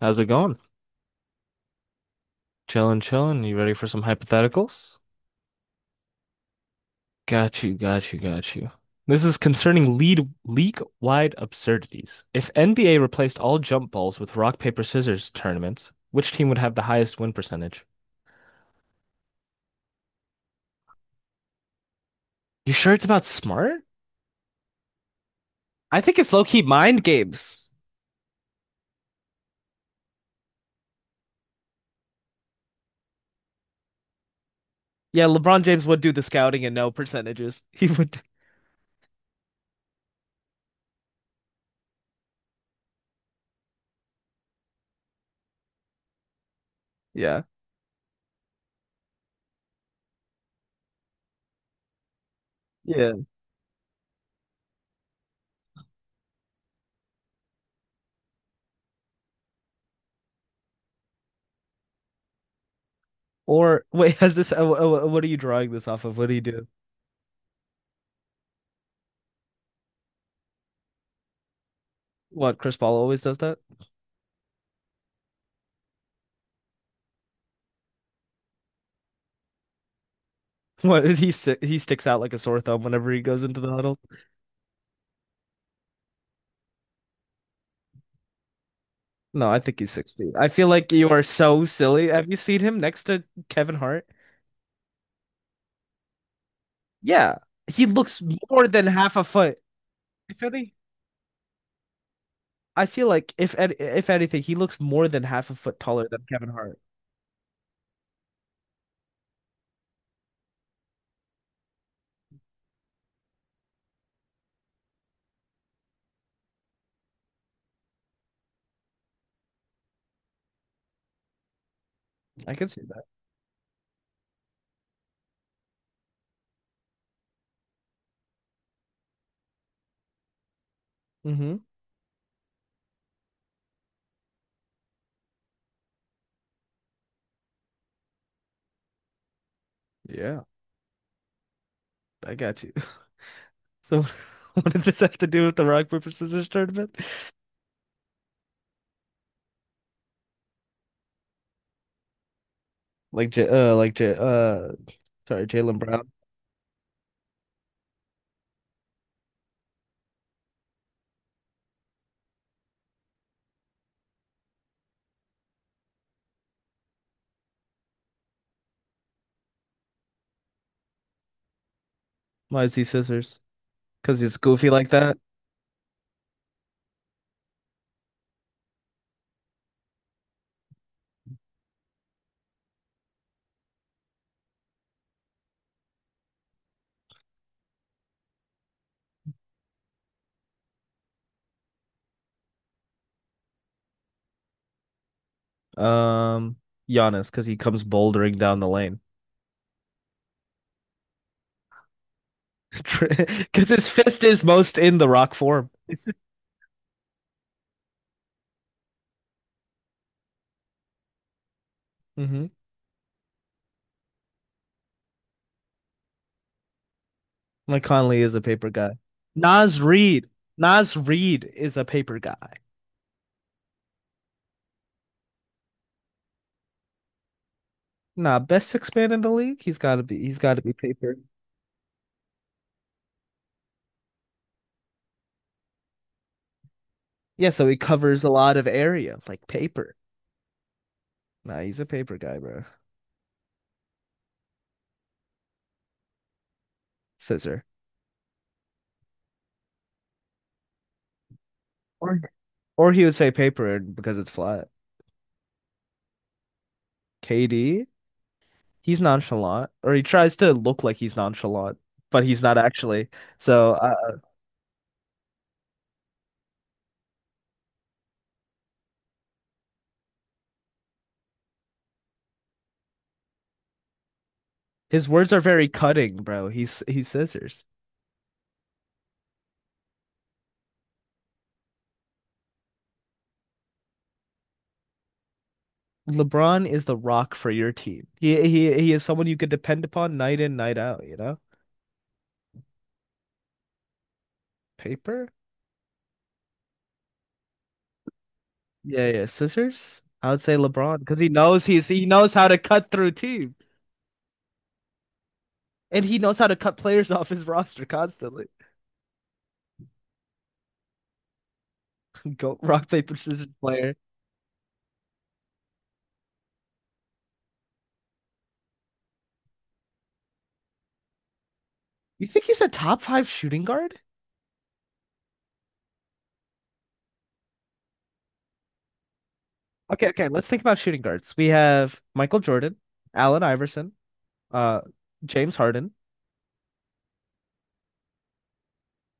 How's it going? Chillin', chillin'. You ready for some hypotheticals? Got you, got you, got you. This is concerning lead league-wide absurdities. If NBA replaced all jump balls with rock, paper, scissors tournaments, which team would have the highest win percentage? You sure it's about smart? I think it's low-key mind games. Yeah, LeBron James would do the scouting and no percentages. He would. Yeah. Yeah. Or wait, has this? What are you drawing this off of? What do you do? What, Chris Paul always does that? What is he si- he sticks out like a sore thumb whenever he goes into the huddle. No, I think he's 6 feet. I feel like you are so silly. Have you seen him next to Kevin Hart? Yeah, he looks more than half a foot. If any, I feel like if anything, he looks more than half a foot taller than Kevin Hart. I can see that. Mm-hmm. Yeah, I got you. So, what did this have to do with the rock paper scissors tournament? Like J, uh, like J, uh, Sorry, Jalen Brown. Why is he scissors? Because he's goofy like that. Um, Giannis, because he comes bouldering down the lane. Because his fist is most in the rock form. Mm-hmm. Like Conley is a paper guy. Nas Reed. Nas Reed is a paper guy. Nah, best six man in the league. He's gotta be paper. Yeah, so he covers a lot of area, like paper. Nah, he's a paper guy, bro. Scissor. Or or he would say paper because it's flat. KD? He's nonchalant, or he tries to look like he's nonchalant, but he's not actually. So his words are very cutting, bro. He's scissors. LeBron is the rock for your team. He is someone you could depend upon night in, night out, you know? Paper? Yeah, yeah. Scissors? I would say LeBron because he knows how to cut through team. And he knows how to cut players off his roster constantly. Go rock, paper, scissors player. You think he's a top five shooting guard? Okay, okay. Let's think about shooting guards. We have Michael Jordan, Allen Iverson, uh, James Harden.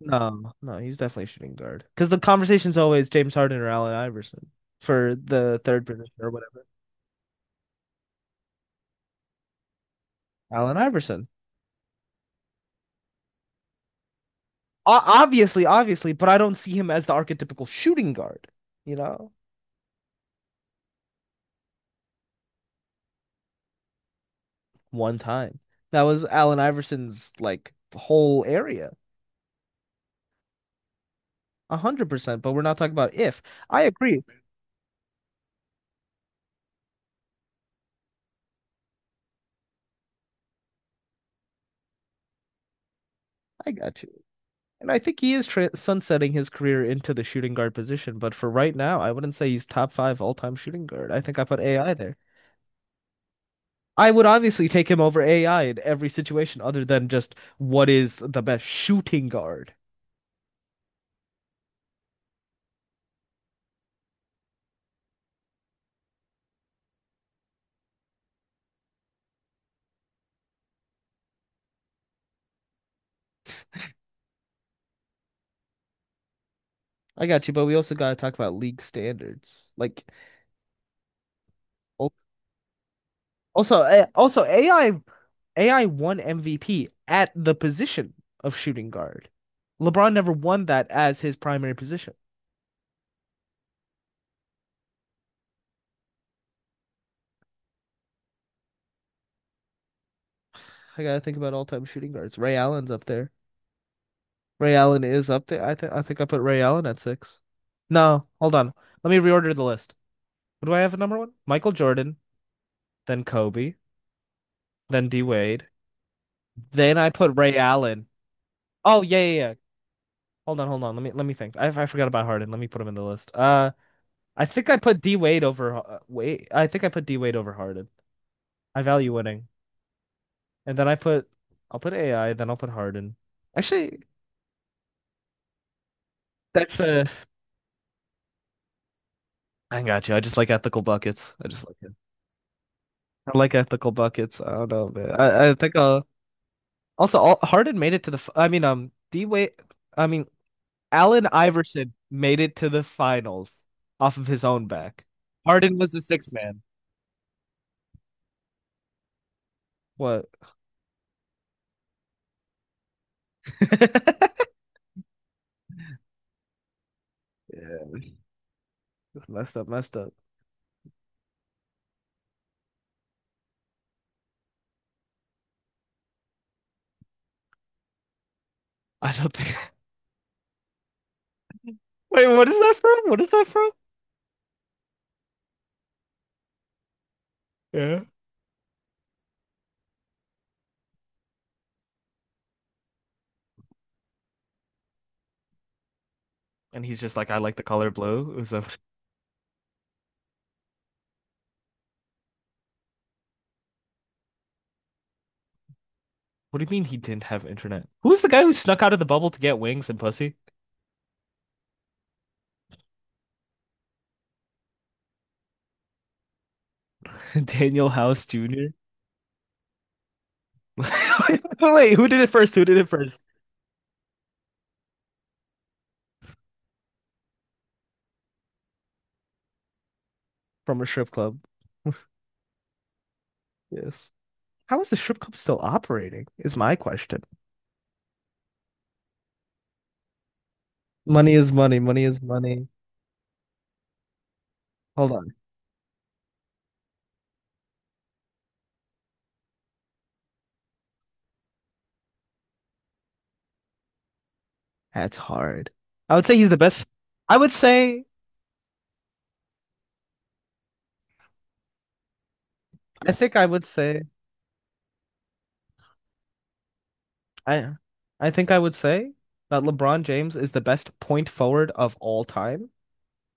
No, no, he's definitely a shooting guard. Because the conversation's always James Harden or Allen Iverson for the third position or whatever. Allen Iverson. O Obviously, obviously, but I don't see him as the archetypical shooting guard, you know? One time. That was Allen Iverson's like whole area. 100%, but we're not talking about if. I agree. I got you. And I think he is tra sunsetting his career into the shooting guard position, but for right now, I wouldn't say he's top five all-time shooting guard. I think I put AI there. I would obviously take him over AI in every situation other than just what is the best shooting guard. I got you, but we also got to talk about league standards. Like al- also AI won MVP at the position of shooting guard. LeBron never won that as his primary position. I gotta think about all-time shooting guards. Ray Allen's up there. Ray Allen is up there. I think I put Ray Allen at six. No, hold on. Let me reorder the list. What do I have at number one? Michael Jordan, then Kobe, then D Wade. Then I put Ray Allen. Oh yeah, yeah, yeah. Hold on, hold on. Let me think. I forgot about Harden. Let me put him in the list. I think I put D Wade over. Wait, I think I put D Wade over Harden. I value winning, and then I'll put AI. Then I'll put Harden. Actually, that's a. I got you. I just like ethical buckets. I just like it. I like ethical buckets. I don't know, man. I think also Harden made it to the I mean Allen Iverson made it to the finals off of his own back. Harden was the sixth man. What? Yeah, messed up, messed up. I don't think. Wait, what is that from? What is that from? Yeah. And he's just like, I like the color blue. It was a. What do you mean he didn't have internet? Who was the guy who snuck out of the bubble to get wings and pussy? Daniel House Jr. Wait, who did it first? Who did it first? From a strip club. Yes. How is the strip club still operating? Is my question. Money is money. Money is money. Hold on. That's hard. I would say he's the best. I would say, I think I would say, I, I think I would say that LeBron James is the best point forward of all time.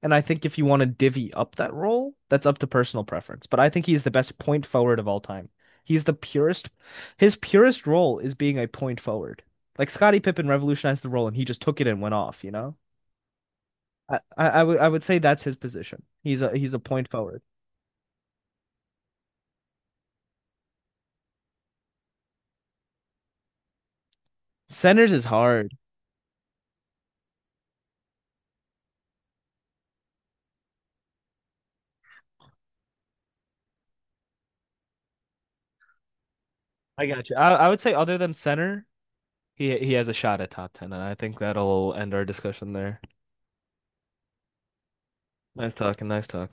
And I think if you want to divvy up that role, that's up to personal preference. But I think he's the best point forward of all time. He's the purest. His purest role is being a point forward. Like Scottie Pippen revolutionized the role and he just took it and went off, you know? I would say that's his position. He's a point forward. Centers is hard. I got you. I would say other than center, he has a shot at top 10, and I think that'll end our discussion there. Nice talking. Nice talking.